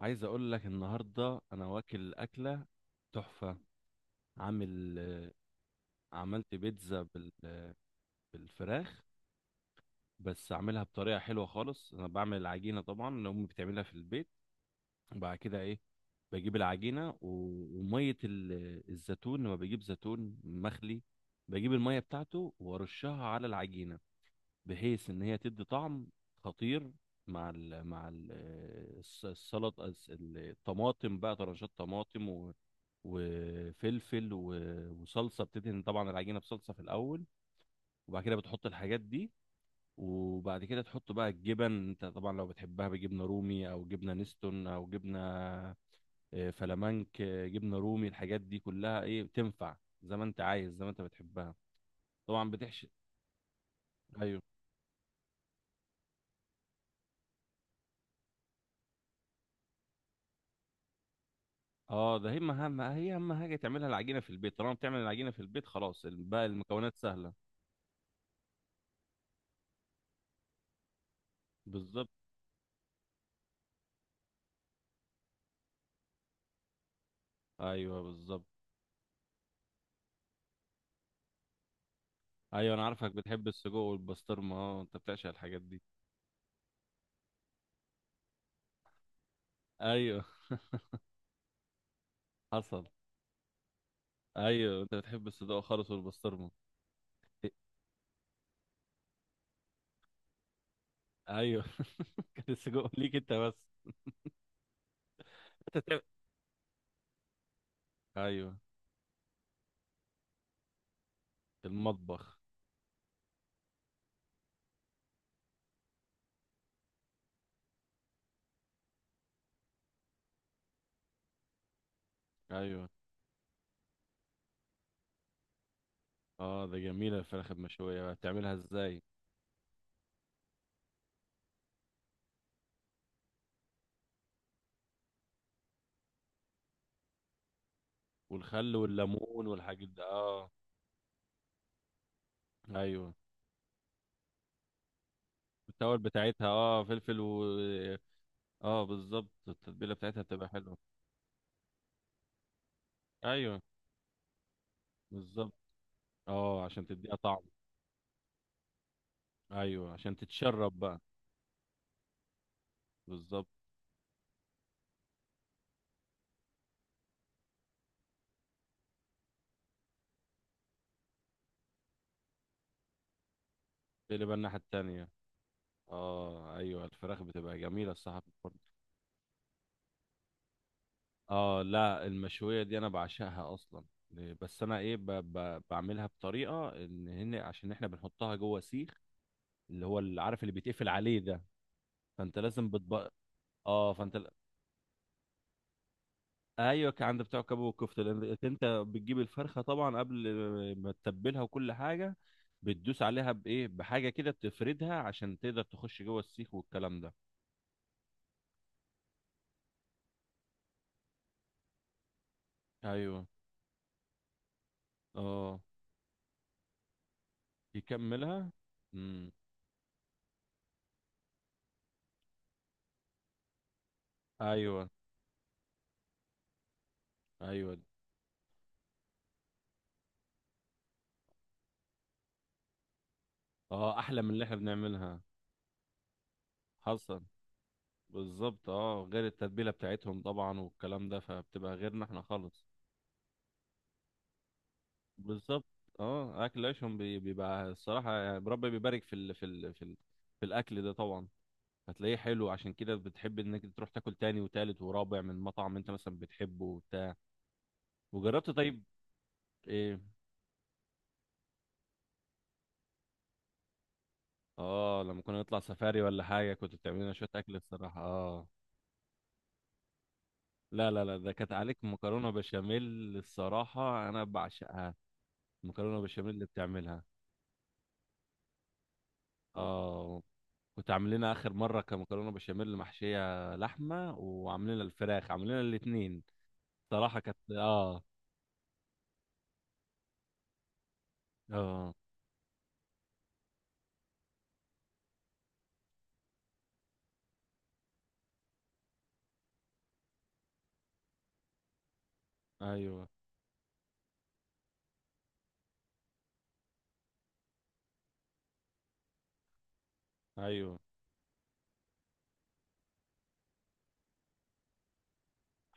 عايز اقول لك النهارده انا واكل اكله تحفه. عامل عملت بيتزا بالفراخ. بس عاملها بطريقه حلوه خالص. انا بعمل العجينه طبعا اللي امي بتعملها في البيت، وبعد كده ايه؟ بجيب العجينه وميه الزيتون، لما بجيب زيتون مخلي بجيب الميه بتاعته وارشها على العجينه، بحيث ان هي تدي طعم خطير. مع السلطه، الطماطم بقى، طرنشات طماطم وفلفل وصلصه. بتدهن طبعا العجينه بصلصه في الاول، وبعد كده بتحط الحاجات دي، وبعد كده تحط بقى الجبن. انت طبعا لو بتحبها بجبنه رومي او جبنه نستون او جبنه فلامنك، جبنه رومي، الحاجات دي كلها ايه بتنفع زي ما انت عايز، زي ما انت بتحبها. طبعا بتحشي. ايوه. اه ده هي هي اهم حاجه تعملها العجينه في البيت. طالما بتعمل العجينه في البيت خلاص، بقى المكونات سهله. بالظبط. ايوه بالظبط. ايوه انا عارفك بتحب السجق والبسطرمه. اه انت بتعشق الحاجات دي. ايوه، حصل. ايوه انت بتحب الصدوق خالص والبسطرمه. إيه، ايوه كان السجق ليك انت بس. انت تعمل. ايوه. المطبخ. ايوه. اه ده جميله الفراخ المشويه، بتعملها ازاي؟ والخل والليمون والحاجات ده اه. ايوه. التوابل بتاعتها اه فلفل و. اه بالظبط التتبيله بتاعتها بتبقى حلوه. ايوه بالظبط. اه عشان تديها طعم. ايوه عشان تتشرب بقى. بالظبط. تقلبها الناحيه التانيه. اه ايوه الفراخ بتبقى جميله الصراحه في الفرن. اه لا، المشويه دي انا بعشقها اصلا. بس انا ايه بعملها بطريقه ان هن، عشان احنا بنحطها جوه سيخ، اللي هو اللي عارف اللي بيتقفل عليه ده. فانت لازم بتبقى اه فانت ل- ايوه، كان عند بتاع الكباب والكفته لان انت بتجيب الفرخه طبعا قبل ما تتبلها وكل حاجه، بتدوس عليها بايه، بحاجه كده بتفردها عشان تقدر تخش جوه السيخ والكلام ده. ايوه. اه يكملها. امم. ايوه ايوه. اه احلى من اللي احنا بنعملها. حصل. بالظبط. اه غير التتبيله بتاعتهم طبعا والكلام ده، فبتبقى غيرنا احنا خالص. بالظبط. اه اكل عيشهم بيبقى الصراحه، يعني ربنا بيبارك في في الاكل ده طبعا. هتلاقيه حلو، عشان كده بتحب انك تروح تاكل تاني وتالت ورابع من مطعم انت مثلا بتحبه وبتاع. وجربت طيب. ايه؟ اه لما كنا نطلع سفاري ولا حاجه كنت بتعمل لنا شويه اكل الصراحه اه. لا لا لا ده كانت عليك مكرونه بشاميل. الصراحه انا بعشقها المكرونه بشاميل اللي بتعملها. اه كنت عامل لنا اخر مره كمكرونه بشاميل محشيه لحمه، وعاملين لنا الفراخ، عاملين لنا الاثنين. صراحه كانت اه. اه ايوه ايوه.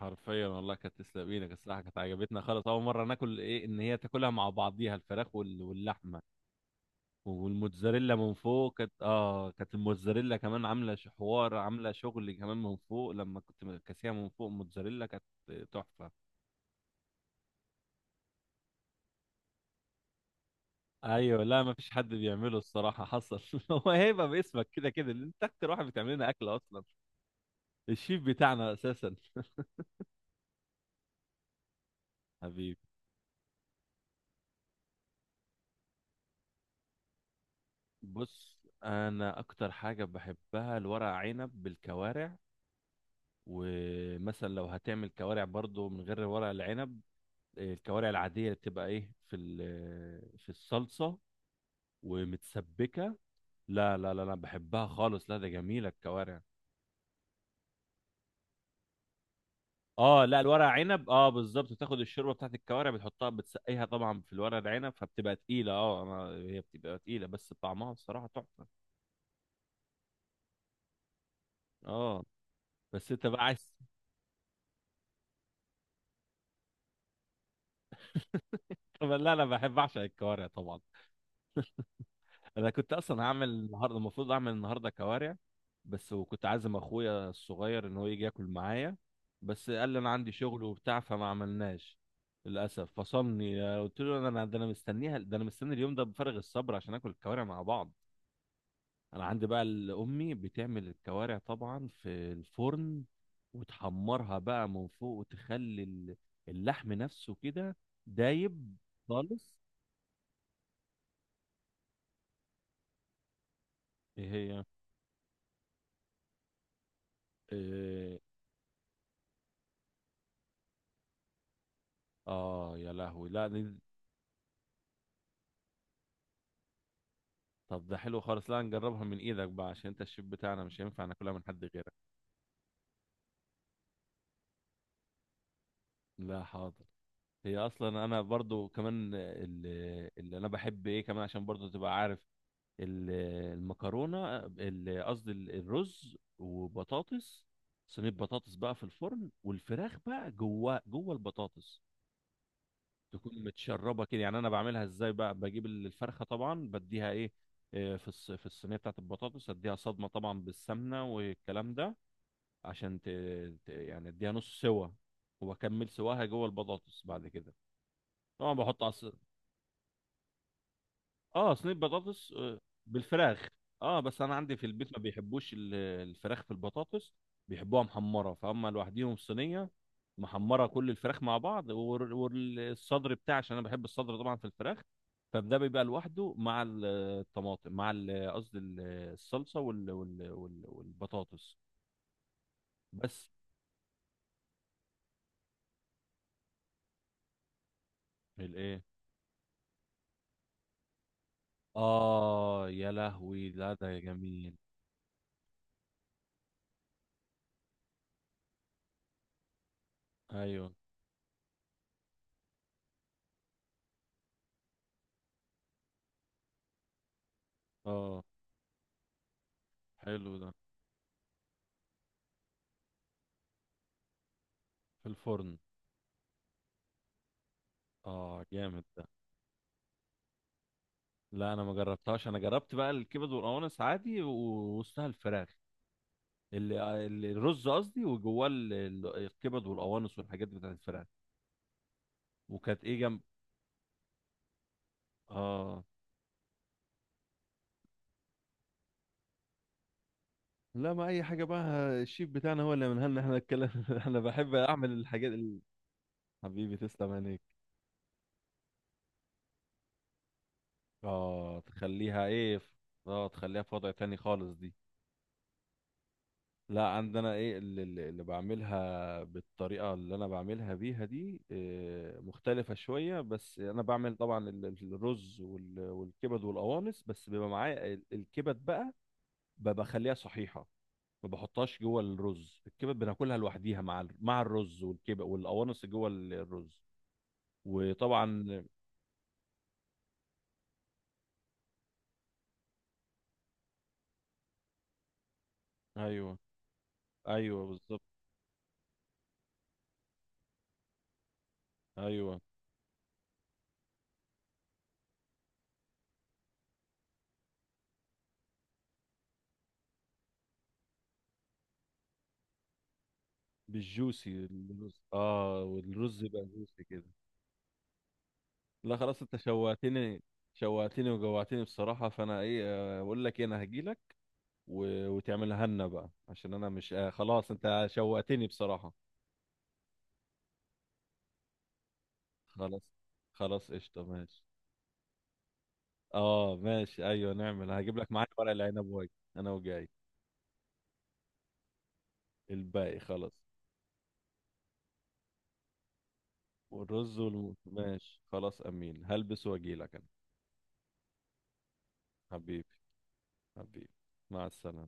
حرفيا والله كانت تسلق ايدك، الصراحه كانت عجبتنا خالص، اول مره ناكل ايه ان هي تاكلها مع بعضيها الفراخ واللحمه. والموتزاريلا من فوق كانت كانت الموتزاريلا كمان عامله حوار، عامله شغل كمان من فوق، لما كنت كاسيها من فوق الموتزاريلا كانت تحفه. ايوه لا، ما فيش حد بيعمله الصراحه، حصل هو هيبه باسمك كده كده، لأن انت اكتر واحد بتعمل لنا اكل اصلا، الشيف بتاعنا اساسا حبيبي. بص. انا اكتر حاجه بحبها الورق عنب بالكوارع، ومثلا لو هتعمل كوارع برضو من غير ورق العنب، إيه، الكوارع العاديه اللي بتبقى ايه في الصلصه ومتسبكه. لا لا لا لا بحبها خالص، لا ده جميله الكوارع. اه لا، الورق عنب، اه بالظبط بتاخد الشوربه بتاعت الكوارع، بتحطها بتسقيها طبعا في الورق العنب فبتبقى تقيله. اه انا هي بتبقى تقيله، بس طعمها الصراحه تحفه. اه بس انت بقى عايز. طب لا انا بحب اعشق الكوارع طبعا. انا كنت اصلا هعمل النهارده، المفروض اعمل النهارده كوارع، بس وكنت عازم اخويا الصغير ان هو يجي ياكل معايا، بس قال لي انا عندي شغل وبتاع فما عملناش للاسف، فصلني. قلت له انا ده انا مستنيها، ده انا مستني اليوم ده بفارغ الصبر عشان اكل الكوارع مع بعض. انا عندي بقى امي بتعمل الكوارع طبعا في الفرن، وتحمرها بقى من فوق وتخلي اللحم نفسه كده دايب خالص. ايه هي؟ إيه. اه يا لهوي لا طب ده حلو خالص، لا نجربها من ايدك بقى عشان انت الشيف بتاعنا مش هينفع ناكلها من حد غيرك. لا حاضر. هي اصلا انا برضو كمان اللي, اللي انا بحب ايه كمان، عشان برضو تبقى عارف ال- المكرونه ال- قصدي ال- الرز وبطاطس. صينيه بطاطس بقى في الفرن، والفراخ بقى جوه جوه البطاطس تكون متشربه كده. يعني انا بعملها ازاي بقى؟ بجيب الفرخه طبعا بديها ايه في الصينيه بتاعت البطاطس، اديها صدمه طبعا بالسمنه والكلام ده عشان يعني اديها نص سوا واكمل سواها جوه البطاطس بعد كده. طبعا بحط اه صينيه بطاطس، بالفراخ. اه بس انا عندي في البيت ما بيحبوش الفراخ في البطاطس، بيحبوها محمره. فهم لوحديهم صينيه محمره كل الفراخ مع بعض، والصدر بتاعي عشان انا بحب الصدر طبعا في الفراخ. فده بيبقى لوحده مع الطماطم، مع قصدي الصلصه والبطاطس بس. الايه. اه يا لهوي لا ده جميل. ايوه. اه حلو ده. في الفرن. اه جامد ده. لا انا ما جربتهاش. انا جربت بقى الكبد والقوانص عادي ووسطها الفراخ، الرز قصدي، وجواه الكبد والقوانص والحاجات بتاعت الفراخ، وكانت ايه جنب. اه لا ما اي حاجه بقى، الشيف بتاعنا هو اللي منها لنا احنا نتكلم انا بحب اعمل الحاجات ال... حبيبي تسلم عينيك. اه تخليها ايه اه تخليها في وضع تاني خالص دي. لا عندنا ايه اللي, اللي اللي بعملها بالطريقة اللي انا بعملها بيها دي، إيه، مختلفة شوية. بس انا بعمل طبعا الرز والكبد والقوانص، بس بيبقى معايا الكبد بقى بخليها صحيحة، ما بحطهاش جوه الرز. الكبد بناكلها لوحديها، مع مع الرز، والكبد والقوانص جوه الرز وطبعا. ايوه ايوه بالظبط. ايوه بالجوسي الرز، اه والرز يبقى جوسي كده. لا خلاص انت شوقتني، وجوعتني بصراحة. فانا ايه اقول لك ايه؟ انا هجيلك وتعملها لنا بقى عشان انا مش خلاص، انت شوقتني بصراحة. خلاص خلاص قشطة ماشي. اه ماشي ايوه نعمل، هجيب لك معايا ورق العنب واجي. انا وجاي. الباقي خلاص. والرز ماشي خلاص امين، هلبس واجيلك انا. حبيبي. حبيبي. مع السلامة.